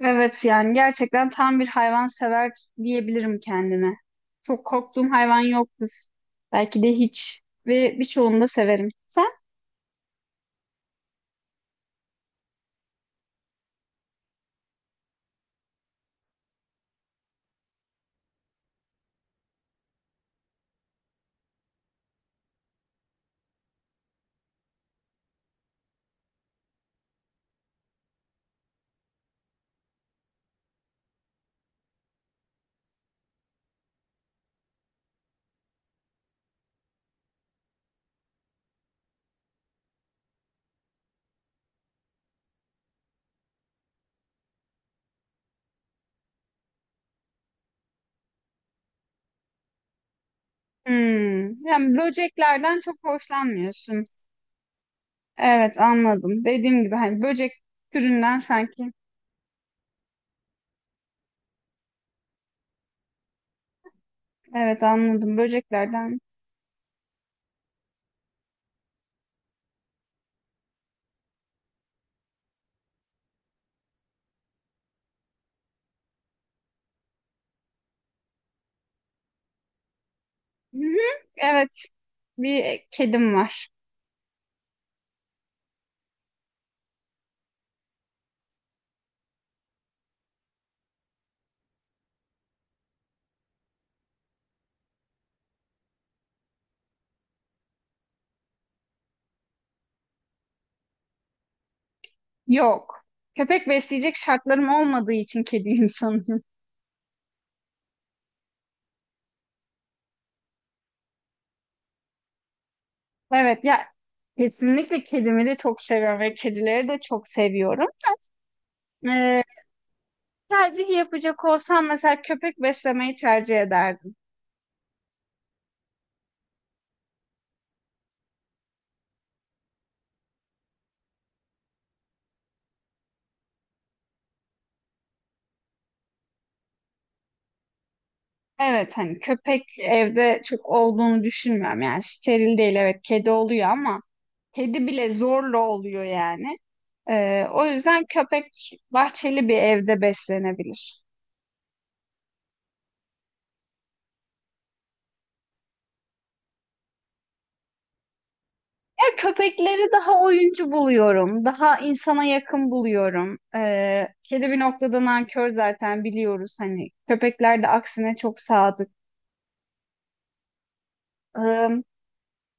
Evet, yani gerçekten tam bir hayvan sever diyebilirim kendime. Çok korktuğum hayvan yoktur. Belki de hiç ve birçoğunu da severim. Sen? Hmm, yani böceklerden çok hoşlanmıyorsun. Evet, anladım. Dediğim gibi hani böcek türünden sanki. Evet, anladım. Böceklerden. Hı-hı, evet. Bir kedim var. Yok. Köpek besleyecek şartlarım olmadığı için kedi insanım. Evet ya, kesinlikle kedimi de çok seviyorum ve kedileri de çok seviyorum. Ee, tercih yapacak olsam mesela köpek beslemeyi tercih ederdim. Evet, hani köpek evde çok olduğunu düşünmüyorum, yani steril değil, evet kedi oluyor ama kedi bile zorla oluyor yani. O yüzden köpek bahçeli bir evde beslenebilir. Ya köpekleri daha oyuncu buluyorum. Daha insana yakın buluyorum. Kedi bir noktada nankör, zaten biliyoruz. Hani köpekler de aksine çok sadık. Ee,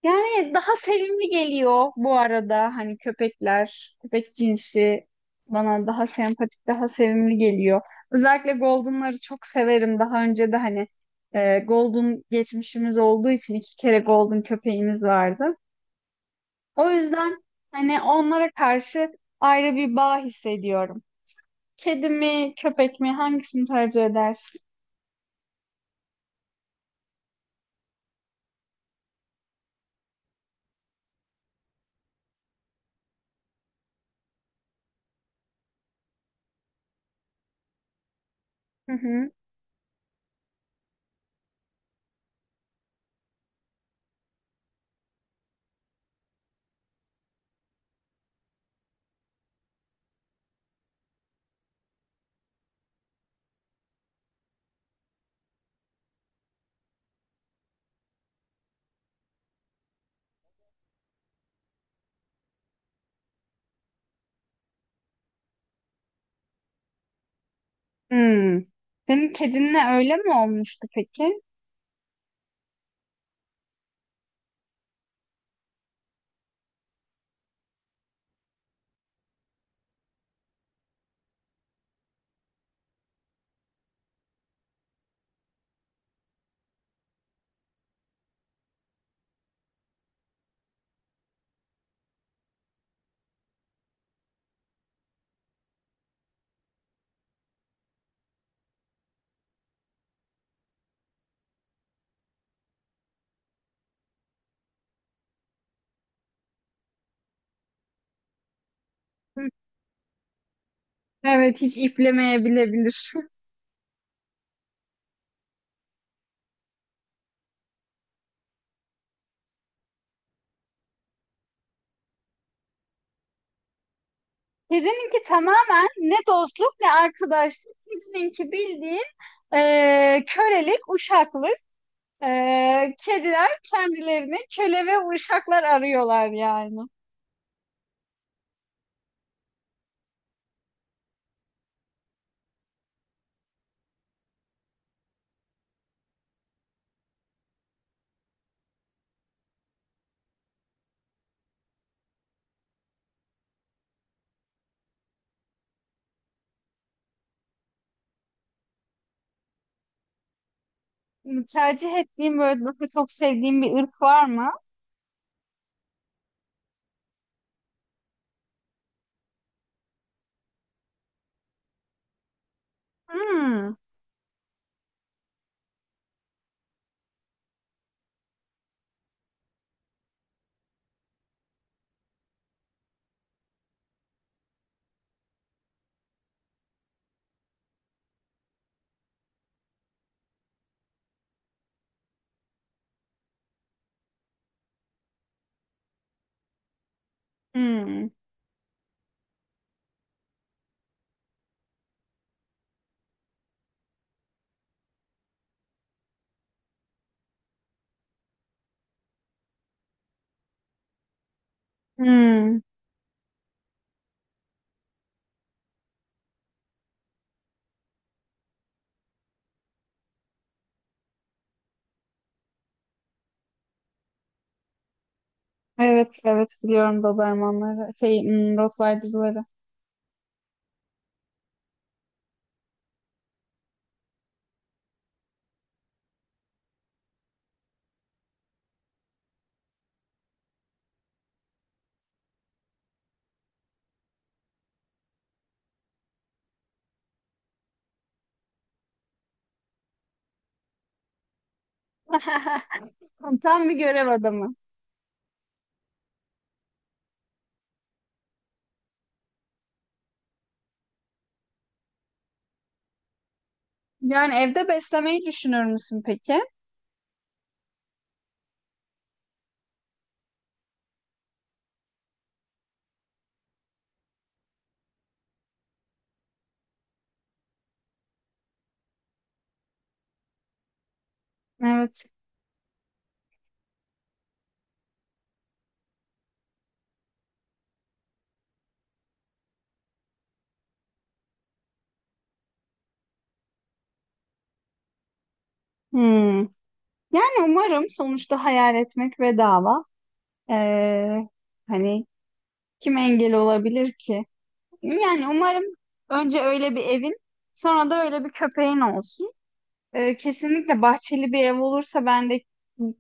Yani daha sevimli geliyor bu arada. Hani köpekler, köpek cinsi bana daha sempatik, daha sevimli geliyor. Özellikle Golden'ları çok severim. Daha önce de hani Golden geçmişimiz olduğu için iki kere Golden köpeğimiz vardı. O yüzden hani onlara karşı ayrı bir bağ hissediyorum. Kedi mi, köpek mi, hangisini tercih edersin? Hı hı. Hmm. Senin kedinle öyle mi olmuştu peki? Hı. Evet, hiç iplemeyebilebilir. Kedininki tamamen ne dostluk ne arkadaşlık. Sizininki bildiğin kölelik, uşaklık. Kediler kendilerini köle ve uşaklar arıyorlar yani. Hani, tercih ettiğim, böyle daha çok sevdiğim bir ırk var mı? Hmm. Hmm. Hmm. Evet, evet biliyorum Dobermanları, şey, hmm, Rottweiler'ları. Tam bir görev adamı. Yani evde beslemeyi düşünür müsün peki? Evet. Hmm. Yani umarım, sonuçta hayal etmek bedava. Ee, Hani kim engel olabilir ki? Yani umarım önce öyle bir evin, sonra da öyle bir köpeğin olsun. Kesinlikle bahçeli bir ev olursa ben de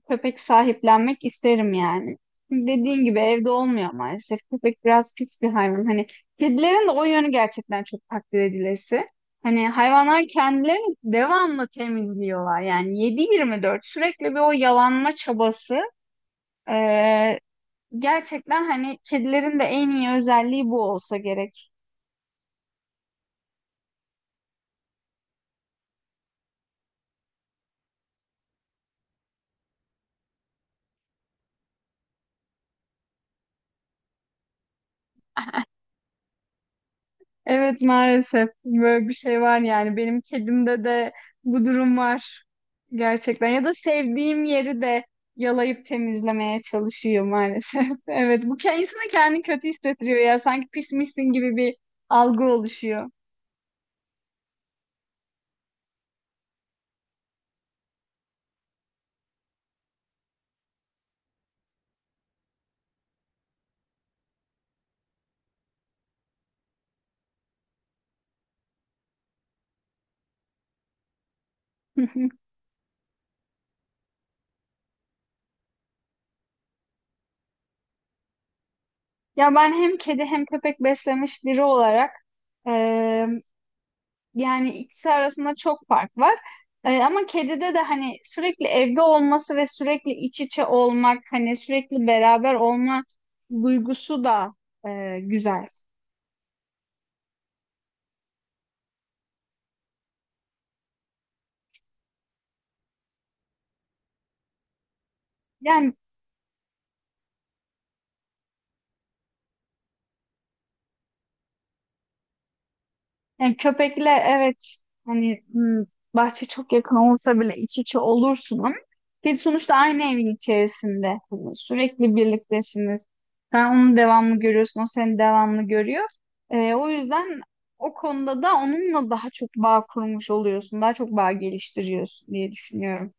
köpek sahiplenmek isterim yani. Dediğin gibi evde olmuyor maalesef. Köpek biraz pis bir hayvan. Hani kedilerin de o yönü gerçekten çok takdir edilesi. Hani hayvanlar kendilerini devamlı temizliyorlar. Yani 7/24 sürekli bir o yalanma çabası. Ee, Gerçekten hani kedilerin de en iyi özelliği bu olsa gerek. Evet, maalesef böyle bir şey var, yani benim kedimde de bu durum var gerçekten ya da sevdiğim yeri de yalayıp temizlemeye çalışıyor maalesef. Evet, bu ke- insana kendini kötü hissettiriyor, ya sanki pismişsin gibi bir algı oluşuyor. Ya ben hem kedi hem köpek beslemiş biri olarak, yani ikisi arasında çok fark var. Ama kedide de hani sürekli evde olması ve sürekli iç içe olmak, hani sürekli beraber olma duygusu da güzel. Yani, yani köpekle, evet, hani hmm, bahçe çok yakın olsa bile iç içe olursun ama bir sonuçta aynı evin içerisinde hani sürekli birliktesiniz. Sen onu devamlı görüyorsun, o seni devamlı görüyor. O yüzden o konuda da onunla daha çok bağ kurmuş oluyorsun, daha çok bağ geliştiriyorsun diye düşünüyorum.